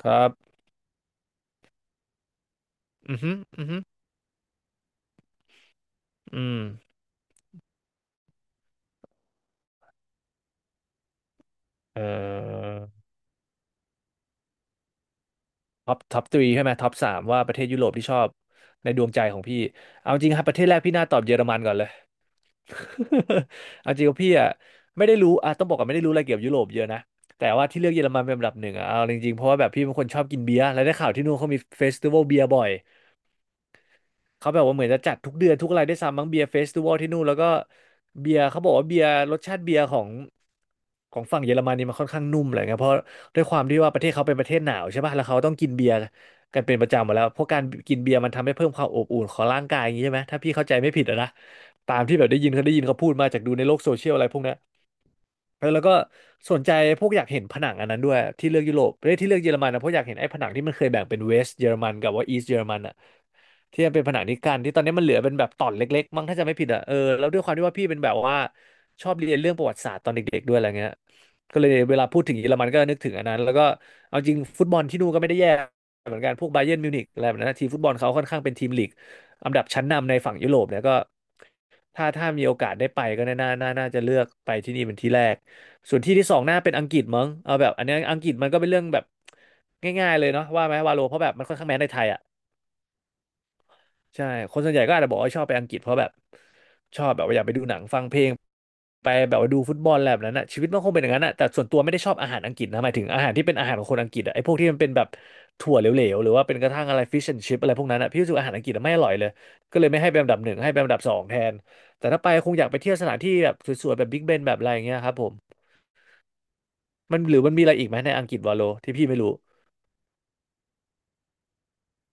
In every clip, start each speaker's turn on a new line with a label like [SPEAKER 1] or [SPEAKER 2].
[SPEAKER 1] ครับอือฮึอือฮึอืมเอ่อท็อปทรีใช่ไหมท็อปสามว่าประเทศยุโรปที่ชอบในดวงใจของพี่เอาจริงครับประเทศแรกพี่น่าตอบเยอรมันก่อนเลย เอาจริงว่าพี่อ่ะไม่ได้รู้อ่ะต้องบอกก่อนไม่ได้รู้อะไรเกี่ยวกับยุโรปเยอะนะแต่ว่าที่เลือกเยอรมันเป็นอันดับหนึ่งอ่ะเอาจริงๆเพราะว่าแบบพี่เป็นคนชอบกินเบียร์แล้วได้ข่าวที่นู่นเขามีเฟสติวัลเบียร์บ่อย เขาแบบว่าเหมือนจะจัดทุกเดือนทุกอะไรได้วยซ้ำมั้งเบียร์เฟสติวัลที่นู่นแล้วก็เบียร์เขาบอกว่าเบียร์รสชาติเบียร์ของฝั่งเยอรมันนี่มันค่อนข้างนุ่มอะไรเงี้ยเพราะด้วยความที่ว่าประเทศเขาเป็นประเทศหนาวใช่ป่ะแล้วเขาต้องกินเบียร์กันเป็นประจำหมดแล้วเพราะการกินเบียร์มันทำให้เพิ่มความอบอุ่นของร่างกายอย่างนี้ใช่ไหมถ้าพี่เข้าใจไม่ผิดอะนะตามที่แบบได้ยินเขาพูดมาจากดูในโลกโซเชียลอะไรพวกเนี้ยเออแล้วก็สนใจพวกอยากเห็นผนังอันนั้นด้วยที่เลือกยุโรปประเทศที่เลือกเยอรมันนะเพราะอยากเห็นไอ้ผนังที่มันเคยแบ่งเป็นเวสต์เยอรมันกับว่าอีสต์เยอรมัน ที่มันเป็นผนังนิกันที่ตอนนี้มันเหลือเป็นแบบตอนเล็กๆมั้งถ้าจะไม่ผิดอ่ะเออแล้วด้วยความที่ว่าพี่เป็นแบบว่าชอบเรียนเรื่องประวัติศาสตร์ตอนเด็กๆด้วยอะไรเงี้ยก็เลยเวลาพูดถึงเยอรมันก็นึกถึงอันนั้นแล้วก็เอาจริงฟุตบอลที่นู่นก็ไม่ได้แย่เหมือนกันพวกบาเยิร์นมิวนิกอะไรแบบนั้นนะทีมฟุตบอลเขาค่อนข้างเป็นทีมลีกอันดับชั้นนำในฝั่งยุโรปเนี่ยก็ถ้ามีโอกาสได้ไปก็น่าจะเลือกไปที่นี่เป็นที่แรกส่วนที่สองน่าเป็นอังกฤษมั้งเอาแบบอันนี้อังกฤษมันก็เป็นเรื่องแบบง่ายๆเลยเนาะว่าไหมวาโลเพราะแบบมันค่อนข้างแมสในไทย ใช่คนส่วนใหญ่ก็อาจจะบอกว่าชอบไปอังกฤษเพราะแบบชอบแบบว่าอยากไปดูหนังฟังเพลงไปแบบว่าดูฟุตบอลอะไรแบบนั้นน่ะชีวิตมันคงเป็นอย่างนั้นน่ะแต่ส่วนตัวไม่ได้ชอบอาหารอังกฤษนะหมายถึงอาหารที่เป็นอาหารของคนอังกฤษอ่ะไอ้พวกที่มันเป็นแบบถั่วเหลวๆหรือว่าเป็นกระทั่งอะไรฟิชแอนชิพอะไรพวกนั้นอ่ะพี่รู้สึกอาหารอังกฤษอะไม่อร่อยเลยก็เลยไม่ให้เป็นอันดับหนึ่งให้เป็นอันดับสองแทนแต่ถ้าไปคงอยากไปเที่ยวสถานที่แบบสวยๆแบบบิ๊กเบนแบบอะไรอย่างเงี้ยครับผมมันหรือมันมีอะไรอีกไหมในอังกฤษวาโลที่พี่ไม่รู้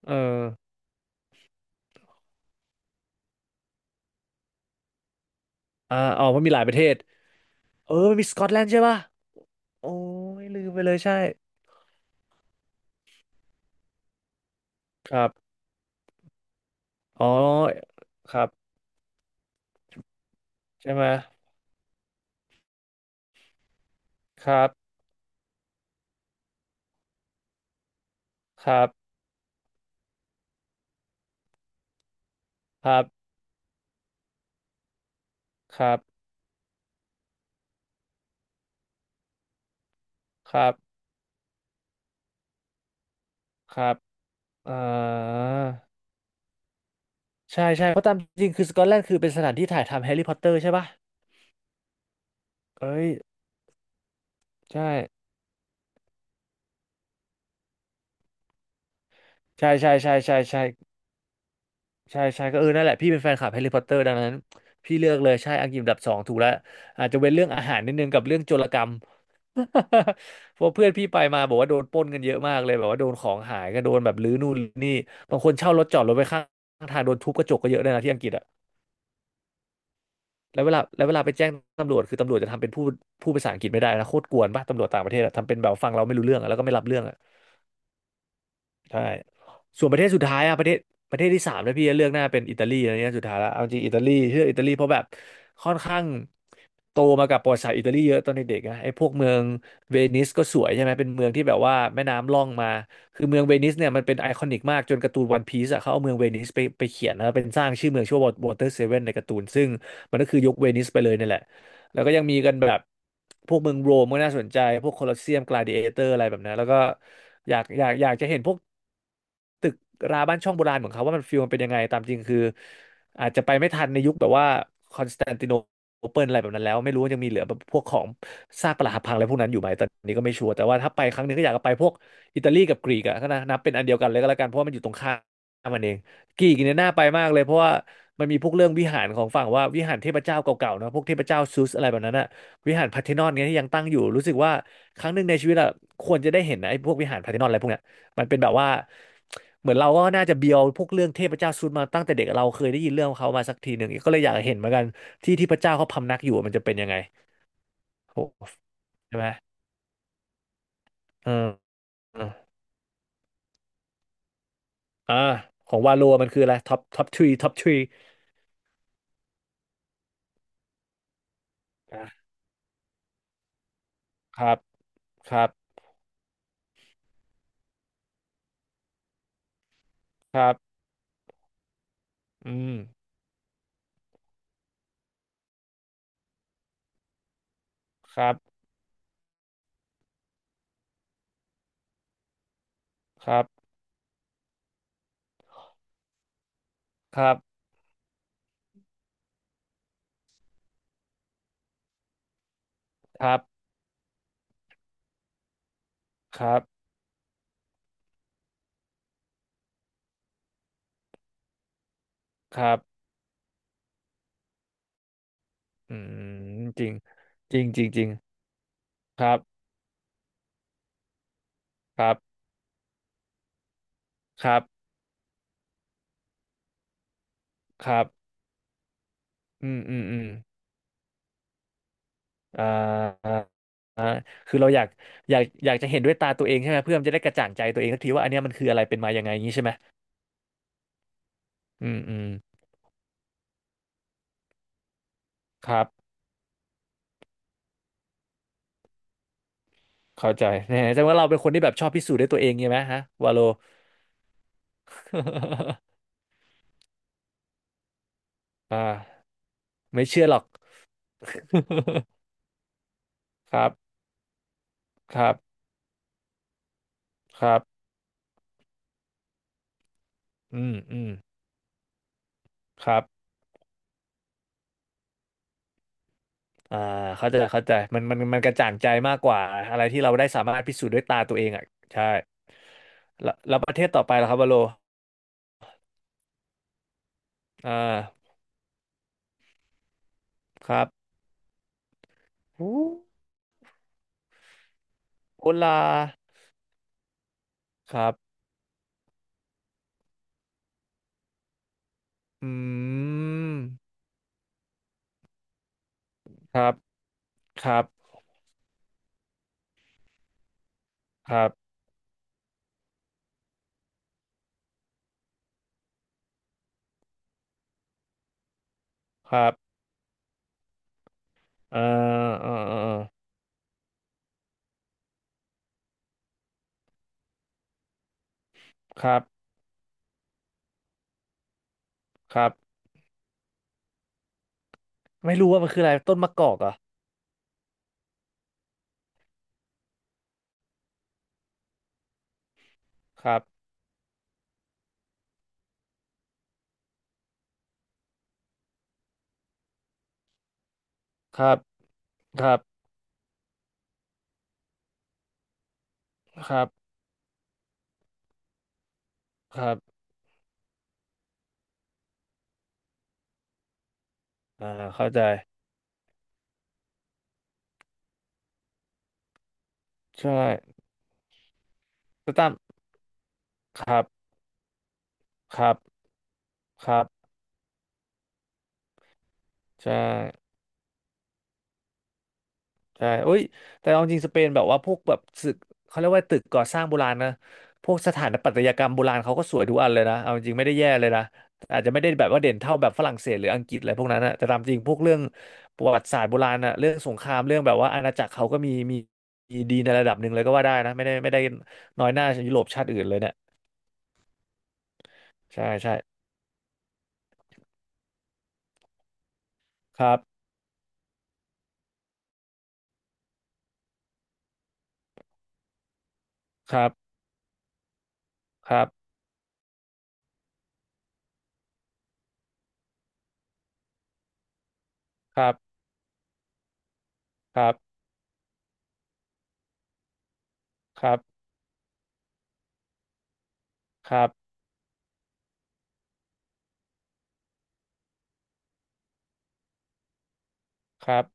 [SPEAKER 1] เอออ่าอ๋อมันมีหลายประเทศเออมันมีสกอตแลนด์ใช่ปะโอ้ยลืมไปเลยใช่ ครับอ๋อครับใช่ไหมครับครับครับครับครับครับ อ่า ใช่ใช่เพราะตามจริงคือสกอตแลนด์คือเป็นสถานที่ถ่ายทำแฮร์รี่พอตเตอร์ใช่ปะเอ้ยใช่ใช่ใช่ใช่ใช่ใช่ใช่ใช่ก็เออนั่นแหละพี่เป็นแฟนคลับแฮร์รี่พอตเตอร์ดังนั้นพี่เลือกเลยใช่อังกฤษอันดับสองถูกแล้วอาจจะเว็นเรื่องอาหารนิดนึงกับเรื่องโจรกรรม เพราะเพื่อนพี่ไปมาบอกว่าโดนปล้นกันเยอะมากเลยแบบว่าโดนของหายก็โดนแบบรื้อนู่นรื้อนี่บางคนเช่ารถจอดรถไว้ข้างทางโดนทุบกระจกก็เยอะเลยนะที่อังกฤษอะแล้วเวลาไปแจ้งตำรวจคือตำรวจจะทำเป็นพูดภาษาอังกฤษไม่ได้นะโคตรกวนป่ะตำรวจต่างประเทศอะทำเป็นแบบฟังเราไม่รู้เรื่องอะแล้วก็ไม่รับเรื่องอะ ใช่ส่วนประเทศสุดท้ายอะประเทศที่สามแล้วพี่จะเลือกหน้าเป็นอิตาลีอะไรเงี้ยสุดท้ายแล้วเอาจริงอิตาลีเลือกอิตาลีเพราะแบบค่อนข้างโตมากับประวัติศาสตร์อิตาลีเยอะตอนเด็กๆนะไอ้พวกเมืองเวนิสก็สวยใช่ไหมเป็นเมืองที่แบบว่าแม่น้ำล่องมาคือเมืองเวนิสเนี่ยมันเป็นไอคอนิกมากจนการ์ตูนวันพีซอะเขาเอาเมืองเวนิสไปเขียนนะเป็นสร้างชื่อเมืองชื่อว่าวอเตอร์เซเว่นในการ์ตูนซึ่งมันก็คือยกเวนิสไปเลยนี่แหละแล้วก็ยังมีกันแบบพวกเมืองโรมก็น่าสนใจพวกโคลอสเซียมกลาดิเอเตอร์อะไรแบบนั้นแล้วก็อยากจะเห็นพวก ตึกราบ้านช่องโบราณของเขาว่ามันฟิลมันเป็นยังไงตามจริงคืออาจจะไปไม่ทันในยุคแบบว่าคอนสแตนติโนเปิลอะไรแบบนั้นแล้วไม่รู้ว่ายังมีเหลือแบบพวกของซากปรักหักพังอะไรพวกนั้นอยู่ไหมตอนนี้ก็ไม่ชัวร์แต่ว่าถ้าไปครั้งหนึงก็อยากจะไปพวกอิตาลีกับกรีกอะก็นะนับเป็นอันเดียวกันเลยก็แล้วกันเพราะว่ามันอยู่ตรงข้ามมันเองกรีกเนี่ยน่าไปมากเลยเพราะว่ามันมีพวกเรื่องวิหารของฝั่งว่าวิหารเทพเจ้าเก่าๆนะพวกเทพเจ้าซูสอะไรแบบนั้นอะวิหารพาร์เธนอนเนี่ยที่ยังตั้งอยู่รู้สึกว่าครั้งหนึ่งในชีวิตอะควรจะได้เห็นนะไอ้พวกวิหารพาร์เธนอนอะไรพวกเนี้ย มันเป็นแบบว่าเหมือนเราก็น่าจะเบียวพวกเรื่องเทพเจ้าซุดมาตั้งแต่เด็กเราเคยได้ยินเรื่องของเขามาสักทีหนึ่งก็เลยอยากเห็นเหมือนกันที่ที่พระเจ้าเขาพำนักอยู่มันจะเป็นยังไงโอ้ใช่ไหมเออเอออ่าของวาโลมันคืออะไรท็อปท็อปทรีท็อปทรีอ่ะครับครับครับอืมครับครับครับครับครับครับอืมจริงจริงจริงจริงครับครับครับครับอืมอืมอืม อ่าอ่าคือเราอยากจะเห็นด้วยตาตัวเองใช่ไหมเพื่อมันจะได้กระจ่างใจตัวเองสักทีว่าอันเนี้ยมันคืออะไรเป็นมายังไงอย่างนี้ใช่ไหมอืมอืมครับเข้าใจแน่แสดงว่าเราเป็นคนที่แบบชอบพิสูจน์ด้วยตัวเองใช่ไหมฮะวาโล อ่าไม่เชื่อหรอก ครับครับครับอืมอืมครับอ่าเข้าใจเข้าใจมันกระจ่างใจมากกว่าอะไรที่เราได้สามารถพิสูจน์ด้วยตาตัวเองอ่ะใช่แล้วประเทศต่อไปล่ะครับวาโลอ่าครับ โอลาครับอืมครับครับครับครับเอ่อเอ่อเอ่อเอ่อครับครับไม่รู้ว่ามันคืออะไรต้นมะกอกเหรอ่ะครับครับครับครับครับอ่าเข้าใจใช่แต่ตามครับครับครับใช่ ใช่โอ้ยแต่เอาจริงสเปนแบบว่าพวกแบบตึกเขาเรียกว่าตึกก่อสร้างโบราณนะพวกสถาปัตยกรรมโบราณเขาก็สวยทุกอันเลยนะเอาจริงไม่ได้แย่เลยนะอาจจะไม่ได้แบบว่าเด่นเท่าแบบฝรั่งเศสหรืออังกฤษอะไรพวกนั้นนะแต่ตามจริงพวกเรื่องประวัติศาสตร์โบราณนะเรื่องสงครามเรื่องแบบว่าอาณาจักรเขาก็มีดีในระดับหนึ่งเลยก็ว่าได้นะ ไม่ได้น้อยหน้ายุโรปชาติอื่นเลยเนี่ยใช่ใช่ครับครับครับครับครับครับครับครับ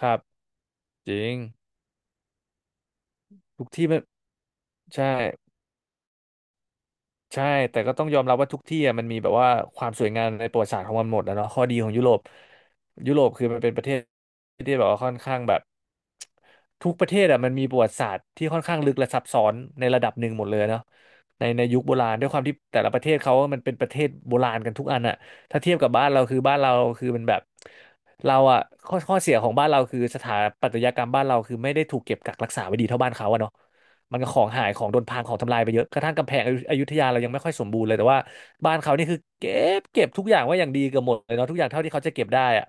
[SPEAKER 1] ครับจริงทุกที่มันใช่ ใช่แต่ก็ต้องยอมรับว่าทุกที่อะมันมีแบบว่าความสวยงามในประวัติศาสตร์ของมันหมดแล้วเนาะข้อดีของยุโรปยุโรปคือมันเป็นประเทศที่แบบว่าค่อนข้างแบบทุกประเทศอะมันมีประวัติศาสตร์ที่ค่อนข้างลึกและซับซ้อนในระดับหนึ่งหมดเลยเนาะในในยุคโบราณด้วยความที่แต่ละประเทศเขามันเป็นประเทศโบราณกันทุกอันอะถ้าเทียบกับบ้านเราคือบ้านเราคือมันแบบเราอะข้อเสียของบ้านเราคือสถาปัตยกรรมบ้านเราคือไม่ได้ถูกเก็บกักรักษาไว้ดีเท่าบ้านเขาอะเนาะ มันก็ของหายของโดนพังของทำลายไปเยอะกระทั่งกำแพงอยุธยาเรายังไม่ค่อยสมบูรณ์เลย แต่ว่าบ้านเขานี่คือเก็บทุกอย่างไว้อย่างดีเกือบหมดเลยเนาะทุกอย่างเท่าที่เขาจะเก็บได้อ่ะ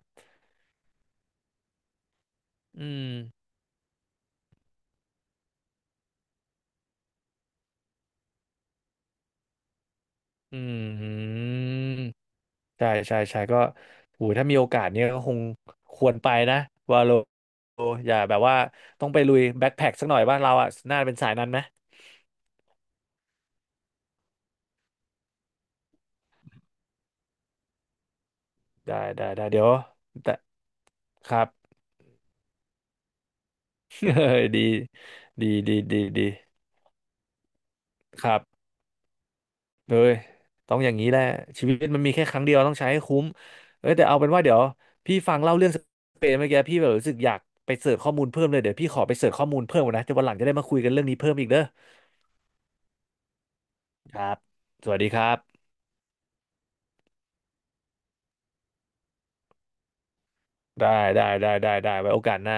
[SPEAKER 1] อืมอืม ใช่ใช่ใช่ก็โอ้ยถ้ามีโอกาสเนี่ยก็คงควรไปนะวาโลอย่าแบบว่าต้องไปลุยแบ็คแพ็คสักหน่อยบ้านเราอ่ะน่าเป็นสายนั้นไหม ได้ได้ได้เดี๋ยวแต่ครับ ดีดีดีดีดีครับ เอ้ยต้องอย่างนี้แหละชีวิตมันมีแค่ครั้งเดียวต้องใช้ให้คุ้มเอ้ยแต่เอาเป็นว่าเดี๋ยวพี่ฟังเล่าเรื่องสเปนเมื่อกี้พี่แบบรู้สึกอยากไปเสิร์ชข้อมูลเพิ่มเลยเดี๋ยวพี่ขอไปเสิร์ชข้อมูลเพิ่มก่อนนะจะวันหลังจะได้มาคุยกันเรื่องนี้เพิ่มอีกเด้อครับสวัสดีครับได้ได้ได้ได้ได้ไว้โอกาสหน้า